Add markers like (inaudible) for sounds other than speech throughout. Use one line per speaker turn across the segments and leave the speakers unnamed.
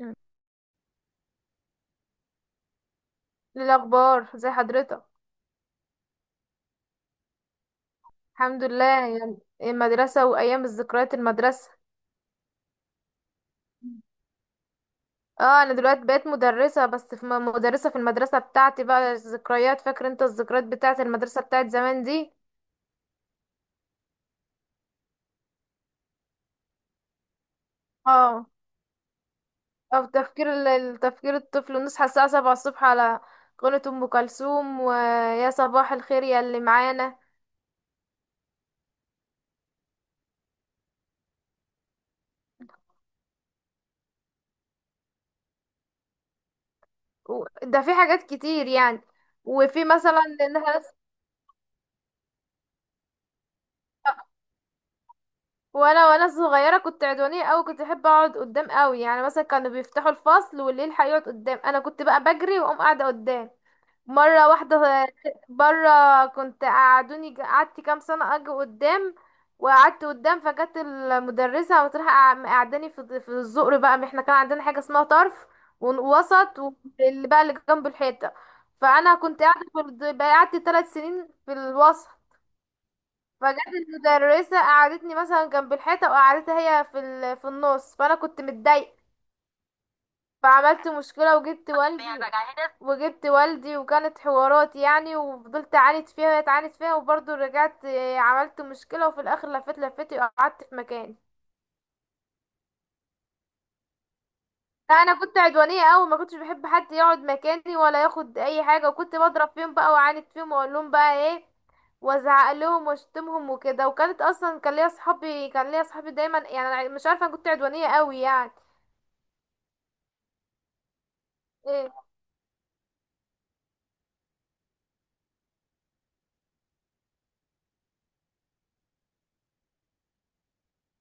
مم. إيه الأخبار زي حضرتك؟ الحمد لله. يعني إيه المدرسة وأيام الذكريات المدرسة؟ مم. اه، أنا دلوقتي بقيت مدرسة، بس في مدرسة، في المدرسة بتاعتي بقى. الذكريات، فاكر انت الذكريات بتاعت المدرسة بتاعت زمان دي؟ اه. أو تفكير تفكير الطفل، نصحى الساعة 7 الصبح على قناة أم كلثوم، ويا صباح الخير يا اللي معانا. ده في حاجات كتير يعني. وفي مثلا ان احنا وانا صغيره كنت عدوانيه قوي، كنت بحب اقعد قدام قوي. يعني مثلا كانوا بيفتحوا الفصل، والليل هيقعد قدام، انا كنت بقى بجري واقوم قاعده قدام مره واحده. (laughs) بره. كنت قعدوني، قعدت كام سنه اجي قدام، وقعدت قدام فجت المدرسه وتروح قعداني في الزقر. بقى احنا كان عندنا حاجه اسمها طرف ووسط، واللي بقى اللي جنب الحيطه. فانا كنت قاعده في بقى قعدت 3 سنين في الوسط. فجت المدرسة، قعدتني مثلا جنب الحيطة، وقعدتها هي في ال... في النص. فأنا كنت متضايقة، فعملت مشكلة وجبت والدي. وجبت والدي، وكانت حوارات يعني، وفضلت أعاند فيها وهي تعاند فيها، وبرضه رجعت آه، عملت مشكلة، وفي الآخر لفيت لفتي وقعدت في مكاني. لا، انا كنت عدوانيه قوي، ما كنتش بحب حد يقعد مكاني ولا ياخد اي حاجه، وكنت بضرب فيهم بقى، واعاند فيهم، واقول لهم بقى ايه، وازعق لهم واشتمهم وكده. وكانت اصلا كان ليا صحابي، كان ليا صحابي دايما يعني، أنا مش عارفه، انا كنت عدوانيه قوي يعني. إيه.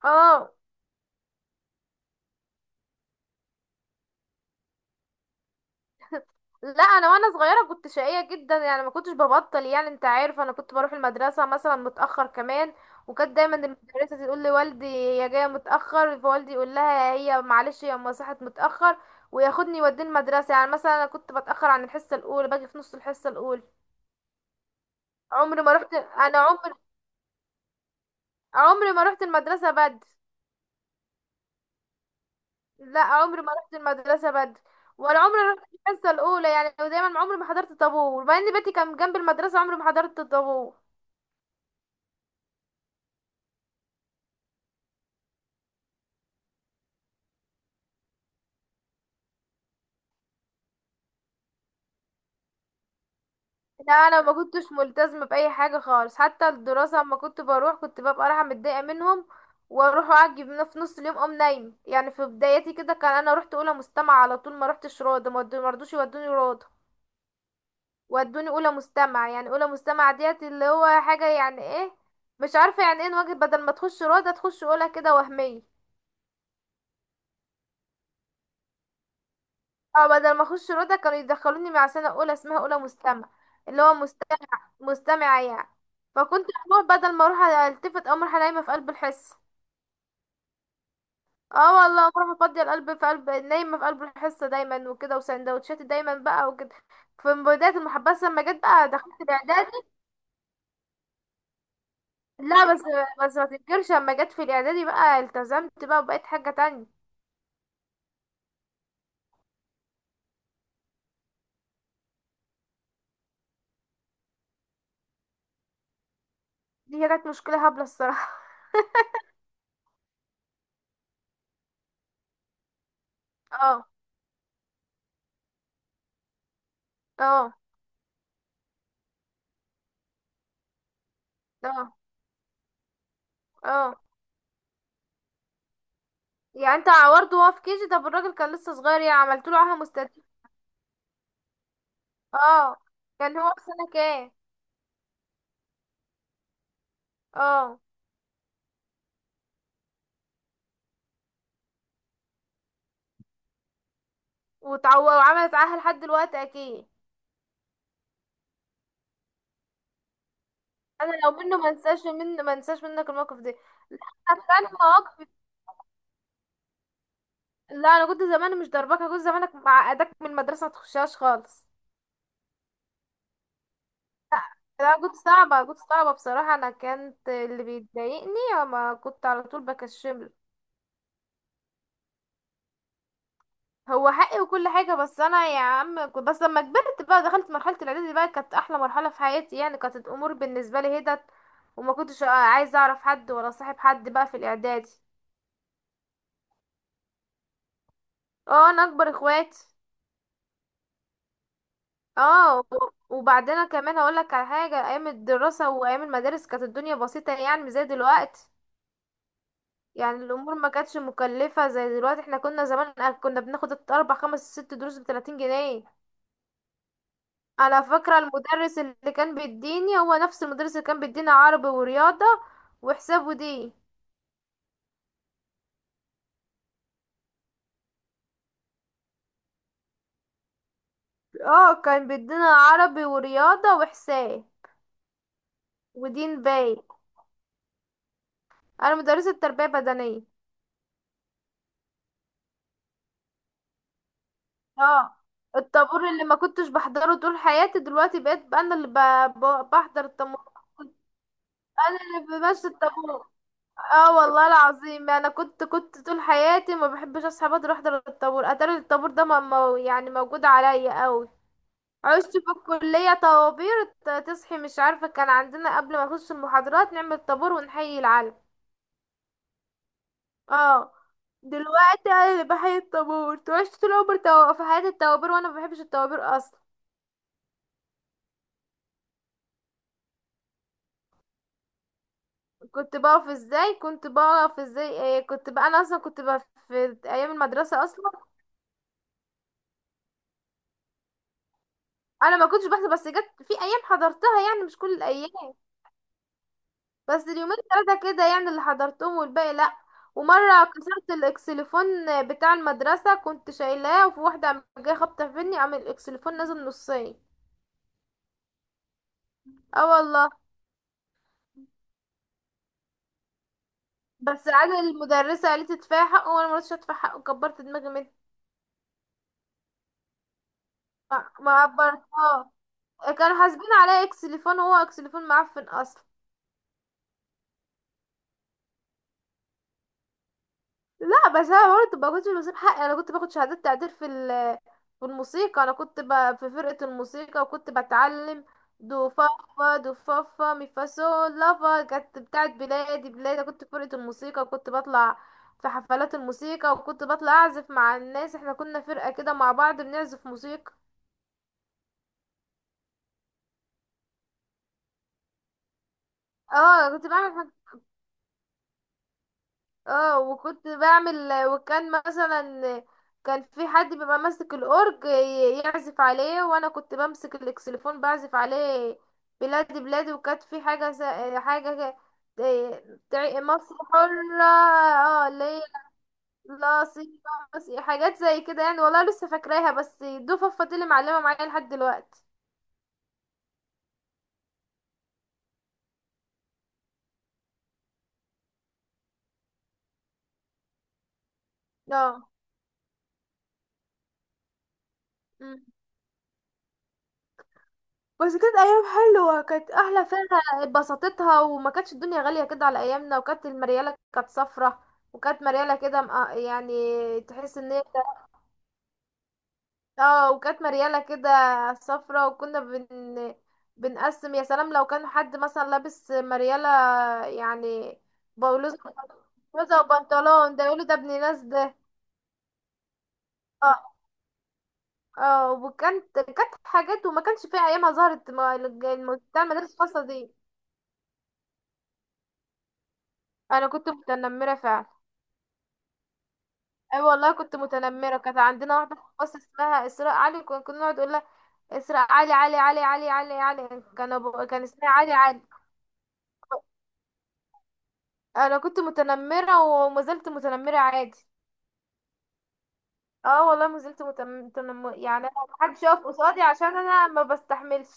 اه. لا انا وانا صغيره كنت شقيه جدا يعني، ما كنتش ببطل. يعني انت عارف، انا كنت بروح المدرسه مثلا متاخر كمان. وكانت دايما المدرسه تقول لي والدي هي جايه متاخر، فوالدي يقول لها هي معلش هي أما صحت متاخر، وياخدني يوديني المدرسه. يعني مثلا انا كنت بتاخر عن الحصه الاولى، باجي في نص الحصه الاولى. عمري ما رحت، انا عمري عمري ما رحت المدرسه بدري. لا عمري ما رحت المدرسه بدري، ولا عمري رحت الحصه الاولى يعني، ودايما عمري ما حضرت طابور، مع ان بيتي كان جنب المدرسه، عمري ما حضرت الطابور. لا، انا ما كنتش ملتزمه باي حاجه خالص حتى الدراسه. اما كنت بروح، كنت ببقى رايحه متضايقه منهم، واروح اعجب في نص اليوم اقوم نايم. يعني في بدايتي كده كان، انا رحت اولى مستمع على طول، ما رحتش روضه، ما رضوش يودوني روضه، ودوني اولى مستمع. يعني اولى مستمع ديت اللي هو حاجه يعني ايه، مش عارفه يعني ايه، نواجه بدل ما تخش روضه تخش اولى كده وهميه. اه، بدل ما اخش روضه كانوا يدخلوني مع سنه اولى اسمها اولى مستمع، اللي هو مستمع، مستمعة يعني. فكنت بروح بدل ما اروح التفت او اروح نايمة في قلب الحصة. اه والله، بروح افضي القلب في قلب، نايمة في قلب الحصة دايما وكده، وسندوتشاتي دايما بقى وكده. في بداية المحبسة لما جت بقى، دخلت الاعدادي. لا بس، بس ما تنكرش، لما جت في الاعدادي بقى التزمت بقى، وبقيت حاجة تانية. دي كانت مشكلة هبلة الصراحة. (laughs) اه. اه. اه. اه. يعني انت عورته وهو في كيجي؟ طب الراجل كان لسه صغير يعني، عملت له عاهة مستديمة. اه. كان هو في سنة كام؟ اه. وتعو... وعملت معاها لحد دلوقتي اكيد. انا لو منه ما انساش، ما انساش منك الموقف ده. لا أنا كان مواقف. لا انا كنت زمان مش ضربك، أنا كنت زمانك معقدك من المدرسه ما تخشهاش خالص. لا أنا كنت صعبه، كنت صعبه بصراحه. انا كانت اللي بيضايقني اما كنت على طول بكشمله. هو حقي وكل حاجه، بس انا يا عم كنت، بس لما كبرت بقى دخلت مرحله الاعدادي بقى، كانت احلى مرحله في حياتي. يعني كانت الامور بالنسبه لي هدت، وما كنتش عايزه اعرف حد ولا صاحب حد بقى في الاعدادي. اه انا اكبر اخواتي. اه. وبعدين أنا كمان هقول لك على حاجه، ايام الدراسه وايام المدارس كانت الدنيا بسيطه يعني، مش زي دلوقتي. يعني الامور ما كانتش مكلفه زي دلوقتي. احنا كنا زمان كنا بناخد 4 5 6 دروس ب 30 جنيه. انا فاكره المدرس اللي كان بيديني هو نفس المدرس اللي كان بيدينا عربي ورياضه وحساب ودين. اه كان بيدينا عربي ورياضه وحساب ودين. باي. انا مدرسه تربيه بدنيه. اه. الطابور اللي ما كنتش بحضره طول حياتي، دلوقتي بقيت بقى انا اللي بحضر الطابور. انا اللي بمشي الطابور. اه والله العظيم، انا كنت طول حياتي ما بحبش اصحى بدري احضر الطابور. اتاري الطابور ده يعني موجود عليا قوي. عشت في الكلية طوابير، تصحي مش عارفة، كان عندنا قبل ما نخش المحاضرات نعمل طابور ونحيي العلم. اه. دلوقتي انا اللي بحيي الطابور. عشت طول عمري في حياتي الطوابير، وانا ما بحبش الطوابير اصلا. كنت بقف ازاي، كنت بقف ازاي، إيه، كنت بقى انا اصلا كنت بقى في ايام المدرسه اصلا. انا ما كنتش بحضر، بس جت في ايام حضرتها يعني مش كل الايام. بس اليومين ثلاثه كده يعني اللي حضرتهم، والباقي لا. ومره كسرت الاكسليفون بتاع المدرسه، كنت شايلاه، وفي واحده قامت جايه خبطه فيني، قام الاكسليفون نازل نصين. اه والله. بس عاد المدرسه قالت ادفعي حقه، وانا ما رضيتش ادفع حقه، كبرت دماغي منه، ما عبرتها. كانوا حاسبين عليا اكسليفون، وهو اكسليفون معفن اصلا. لا بس انا برضه ما كنتش بسيب حقي. انا كنت باخد شهادات تقدير في في الموسيقى. انا كنت ب... في فرقة الموسيقى، وكنت بتعلم دو فا فا دو فا فا مي فا سول لا فا، كانت بتاعت بلادي بلادي. كنت في فرقة الموسيقى، وكنت بطلع في حفلات الموسيقى، وكنت بطلع اعزف مع الناس. احنا كنا فرقة كده مع بعض بنعزف موسيقى. اه كنت بعمل. اه وكنت بعمل. وكان مثلا كان في حد بيبقى ماسك الاورج يعزف عليه، وانا كنت بمسك الاكسليفون بعزف عليه بلادي بلادي. وكانت في حاجه س... حاجه إيه، مصر حره، اه اللي هي لصيحة. حاجات زي كده يعني، والله لسه فاكراها، بس دي فضفت اللي معلمه معايا لحد دلوقتي. اه. بس كانت ايام حلوه، كانت احلى فيها، اتبسطتها، وما كانتش الدنيا غاليه كده على ايامنا. وكانت المرياله كانت صفرة، وكانت مرياله كده يعني تحس ان هي، اه وكانت مرياله كده صفرة. وكنا بنقسم يا سلام لو كان حد مثلا لابس مرياله يعني بلوزه، بلوزه وبنطلون، ده يقولوا ده ابن ناس ده. اه. اه وكانت كانت حاجات، وما كانش فيها ايامها ظهرت بتاع المدارس الخاصه دي. انا كنت متنمره فعلا. اي والله كنت متنمره. كانت عندنا واحده في الفصل اسمها اسراء علي، كنا نقعد نقول لها اسراء علي علي علي علي علي علي، كان أبو... كان اسمها علي علي. انا كنت متنمره وما زلت متنمره عادي. اه والله ما زلت متم... متنم... يعني انا محدش يقف قصادي عشان انا ما بستحملش.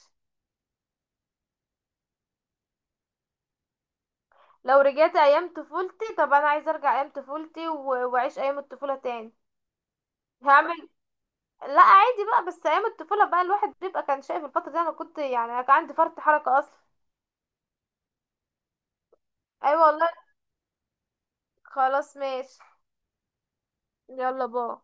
لو رجعت ايام طفولتي، طب انا عايزه ارجع ايام طفولتي و... واعيش ايام الطفوله تاني. هعمل. لا عادي بقى، بس ايام الطفوله بقى الواحد بيبقى كان شايف الفتره دي، انا كنت يعني كان عندي فرط حركه اصلا. ايوه والله. خلاص ماشي. يلا باي.